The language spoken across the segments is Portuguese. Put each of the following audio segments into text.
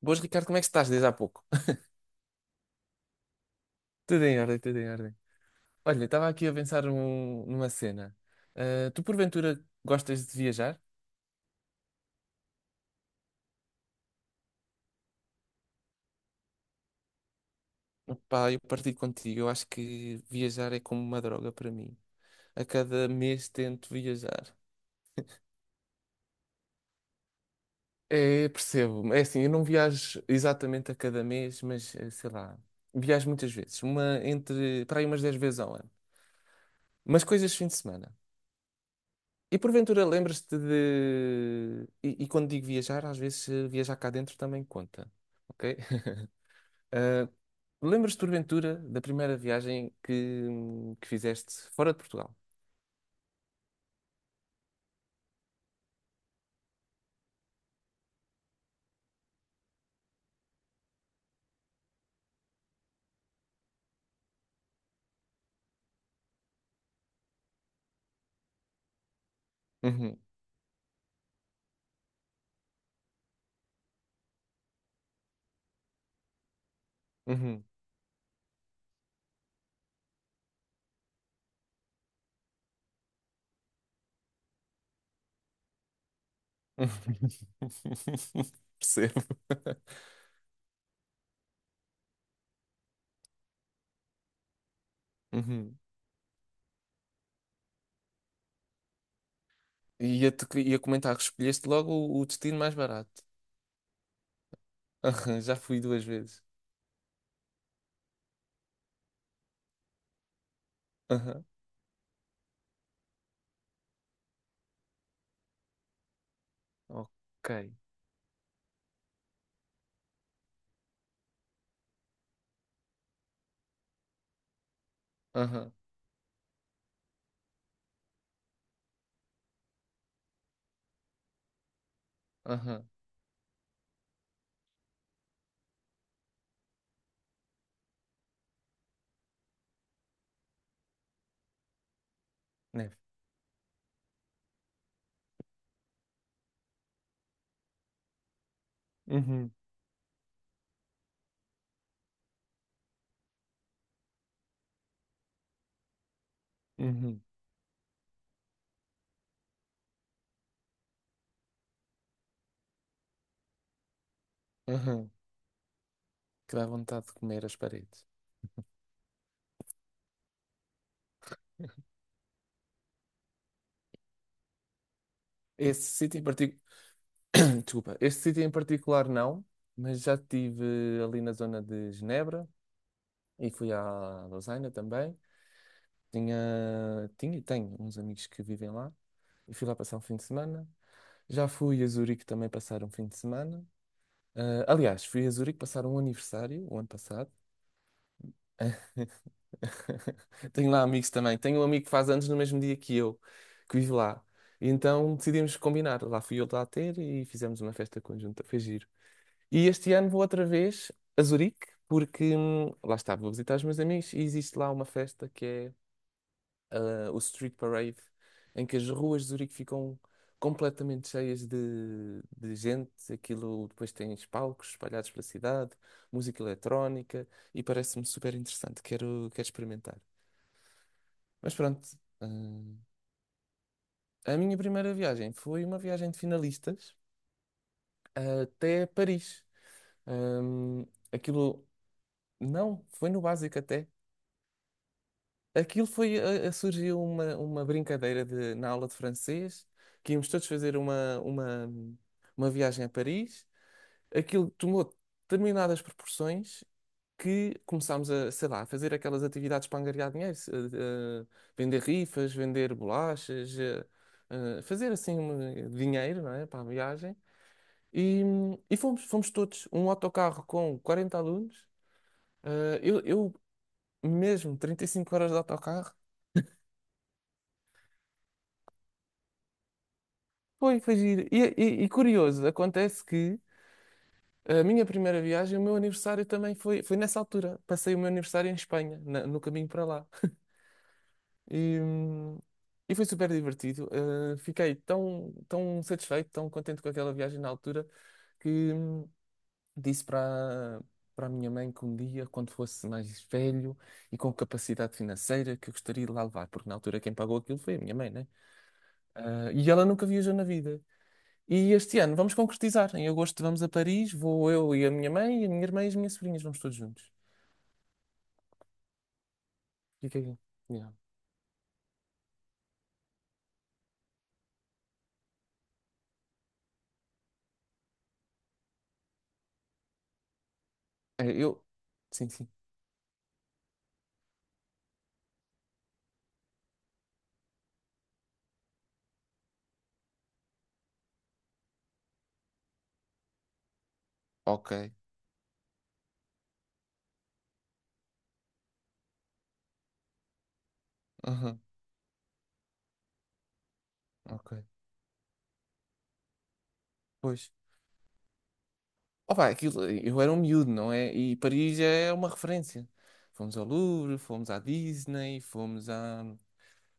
Boas, Ricardo, como é que estás desde há pouco? Tudo em ordem, tudo em ordem. Olha, estava aqui a pensar numa cena. Ah, tu, porventura, gostas de viajar? Pá, eu partilho contigo. Eu acho que viajar é como uma droga para mim. A cada mês tento viajar. É, percebo. É assim, eu não viajo exatamente a cada mês, mas sei lá, viajo muitas vezes. Para aí umas 10 vezes ao ano. Mas coisas de fim de semana. E porventura lembras-te de. E quando digo viajar, às vezes viajar cá dentro também conta, ok? Ah, lembras-te porventura da primeira viagem que fizeste fora de Portugal? Uhum, uhum. Percebo. Uhum. E ia comentar que escolheste logo o destino mais barato. Aham, já fui duas vezes. Aham. Ok. Aham, aham. Neve. Uhum, uhum, aham. Que dá vontade de comer as paredes. Esse sítio em particular. Desculpa, este sítio em particular não, mas já estive ali na zona de Genebra e fui à Lausanne também. Tinha e tenho uns amigos que vivem lá e fui lá passar um fim de semana. Já fui a Zurique também passar um fim de semana. Ah, aliás, fui a Zurique passar um aniversário o ano passado. Tenho lá amigos também. Tenho um amigo que faz anos no mesmo dia que eu, que vive lá. E então decidimos combinar. Lá fui eu lá ter e fizemos uma festa conjunta. Foi giro. E este ano vou outra vez a Zurique, porque lá está, vou visitar os meus amigos e existe lá uma festa que é o Street Parade, em que as ruas de Zurique ficam completamente cheias de gente. Aquilo depois tem palcos espalhados pela cidade, música eletrónica e parece-me super interessante. Quero experimentar. Mas pronto, hum, a minha primeira viagem foi uma viagem de finalistas até Paris. Hum, aquilo não, foi no básico até. Aquilo foi, a- Surgiu uma brincadeira de, na aula de francês, que íamos todos fazer uma viagem a Paris. Aquilo tomou determinadas proporções que começámos a, sei lá, a fazer aquelas atividades para angariar dinheiro, eh, vender rifas, vender bolachas, fazer assim um dinheiro, não é, para a viagem. E, e fomos todos, um autocarro com 40 alunos. Eu mesmo, 35 horas de autocarro. Foi giro. E curioso, acontece que a minha primeira viagem, o meu aniversário também foi nessa altura. Passei o meu aniversário em Espanha, no caminho para lá. E, hum, e foi super divertido. Fiquei tão satisfeito, tão contente com aquela viagem na altura, que disse para a minha mãe que um dia, quando fosse mais velho e com capacidade financeira, que eu gostaria de lá levar, porque na altura quem pagou aquilo foi a minha mãe, né? Ah, e ela nunca viajou na vida. E este ano vamos concretizar. Em agosto vamos a Paris, vou eu e a minha mãe, e a minha irmã e as minhas sobrinhas, vamos todos juntos. Fica aí. Yeah. É, eu. Sim, sim. Ok. Aham. Ok. Pois. Opa, aquilo, eu era um miúdo, não é? E Paris é uma referência. Fomos ao Louvre, fomos à Disney, fomos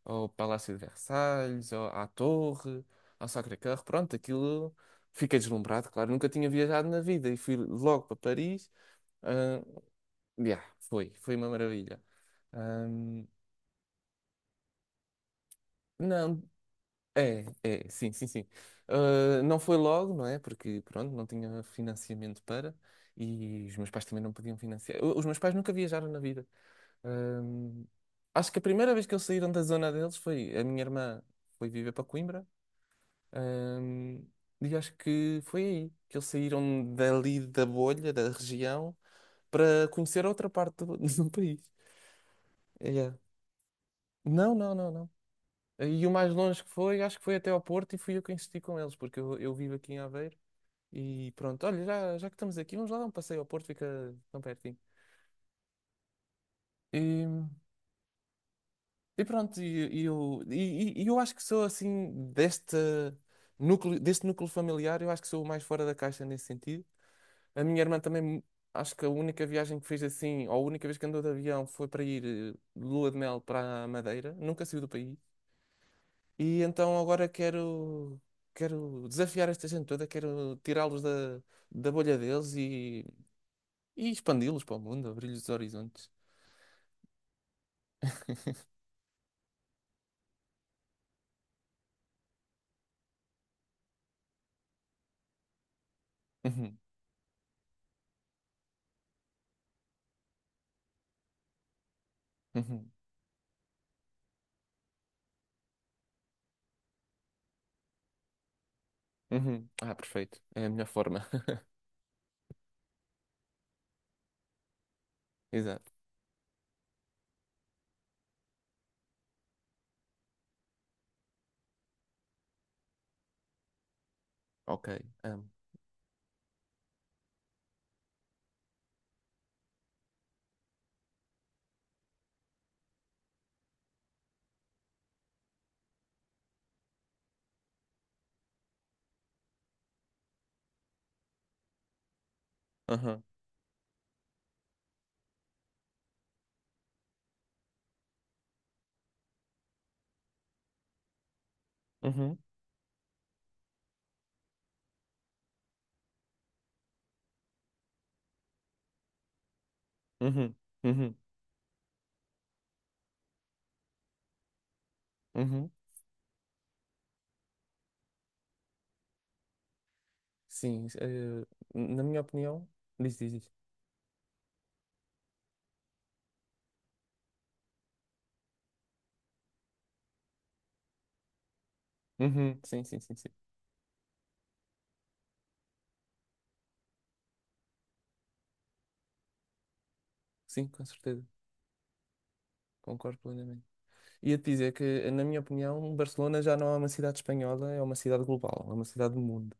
ao Palácio de Versalhes, à Torre, ao Sacré-Cœur. Pronto, aquilo. Fiquei deslumbrado, claro. Nunca tinha viajado na vida e fui logo para Paris. Ah, yeah, foi uma maravilha. Ahm, não, é, sim, sim, sim. Ah, não foi logo, não é? Porque, pronto, não tinha financiamento para e os meus pais também não podiam financiar. Os meus pais nunca viajaram na vida. Ahm, acho que a primeira vez que eles saíram da zona deles foi a minha irmã foi viver para Coimbra. ahm, e acho que foi aí que eles saíram dali da bolha, da região, para conhecer outra parte do, do país. Yeah. Não, não, não, não. E o mais longe que foi, acho que foi até ao Porto e fui eu que insisti com eles, porque eu vivo aqui em Aveiro e pronto, olha, já que estamos aqui, vamos lá dar um passeio ao Porto, fica tão pertinho. E, e pronto, e eu acho que sou assim, deste núcleo familiar, eu acho que sou o mais fora da caixa nesse sentido. A minha irmã também, acho que a única viagem que fez assim, ou a única vez que andou de avião foi para ir de lua de mel para a Madeira, nunca saiu do país. E então agora quero desafiar esta gente toda, quero tirá-los da, bolha deles e expandi-los para o mundo, abrir-lhes os horizontes. Uhum, uhum, uhum. Ah, perfeito. É a melhor forma. Exato. Ok. Amo. Aham. Uhum, uhum, uhum, uhum. Sim, na minha opinião, diz, diz, diz. Uhum. Sim, sim, sim, sim. Sim, com certeza. Concordo plenamente. Ia-te dizer que, na minha opinião, Barcelona já não é uma cidade espanhola, é uma cidade global, é uma cidade do mundo.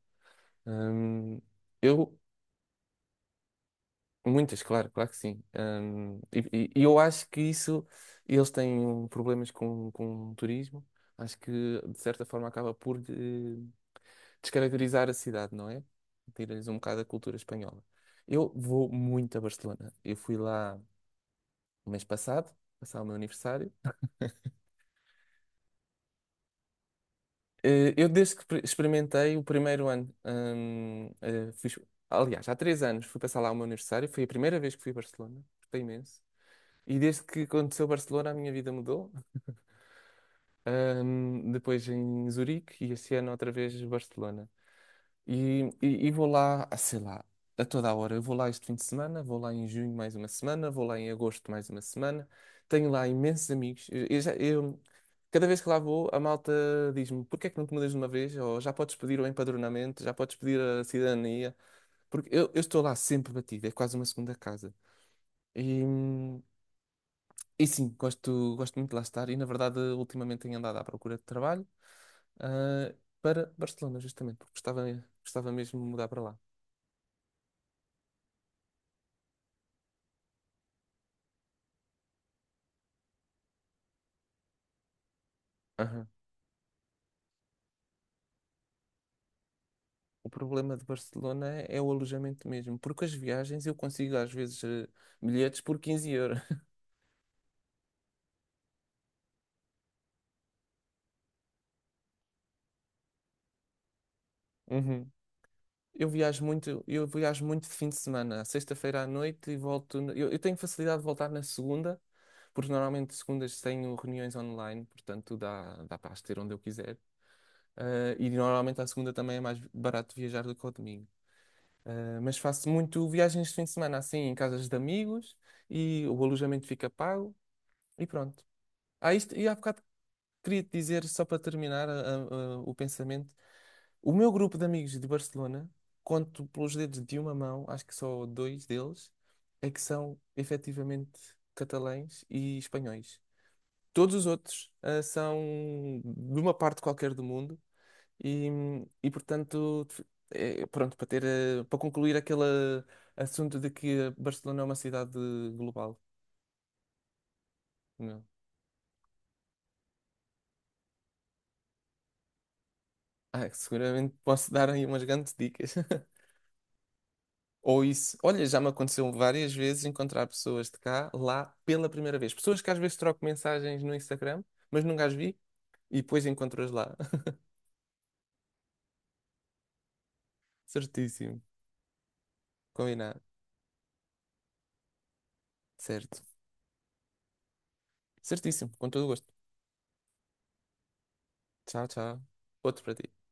Hum, eu, muitas, claro, claro que sim. E eu acho que isso, eles têm problemas com o turismo, acho que de certa forma acaba por descaracterizar a cidade, não é? Tira-lhes um bocado a cultura espanhola. Eu vou muito a Barcelona, eu fui lá o mês passado, passar o meu aniversário. Eu, desde que experimentei o primeiro ano, aliás, há 3 anos fui passar lá o meu aniversário, foi a primeira vez que fui a Barcelona, gostei imenso. E desde que aconteceu Barcelona, a minha vida mudou. Depois em Zurique e este ano outra vez Barcelona. E vou lá, sei lá, a toda a hora. Eu vou lá este fim de semana, vou lá em junho mais uma semana, vou lá em agosto mais uma semana. Tenho lá imensos amigos. Cada vez que lá vou, a malta diz-me: porque é que não te mudas de uma vez? Ou já podes pedir o empadronamento, já podes pedir a cidadania. Porque eu estou lá sempre batido, é quase uma segunda casa. E, hum, e sim, gosto muito de lá estar. E na verdade, ultimamente tenho andado à procura de trabalho, ah, para Barcelona, justamente, porque gostava mesmo de mudar para lá. Aham. O problema de Barcelona é o alojamento mesmo, porque as viagens eu consigo às vezes bilhetes por 15 euros. Uhum. Eu viajo muito de fim de semana, à sexta-feira à noite e volto. Eu tenho facilidade de voltar na segunda, porque normalmente segundas tenho reuniões online, portanto dá para as ter onde eu quiser. E normalmente à segunda também é mais barato viajar do que ao domingo. Mas faço muito viagens de fim de semana, assim, em casas de amigos, e o alojamento fica pago, e pronto. Ah, isto, e há bocado queria-te dizer, só para terminar o pensamento, o meu grupo de amigos de Barcelona, conto pelos dedos de uma mão, acho que só dois deles, é que são efetivamente catalães e espanhóis. Todos os outros, são de uma parte qualquer do mundo e, e portanto, é, pronto, para ter, para concluir aquele assunto de que Barcelona é uma cidade global. Não. Ah, seguramente posso dar aí umas grandes dicas. Ou isso, olha, já me aconteceu várias vezes encontrar pessoas de cá, lá, pela primeira vez. Pessoas que às vezes troco mensagens no Instagram, mas nunca as vi, e depois encontro-as lá. Certíssimo. Combinado. Certo. Certíssimo. Com todo o gosto. Tchau, tchau. Outro para ti.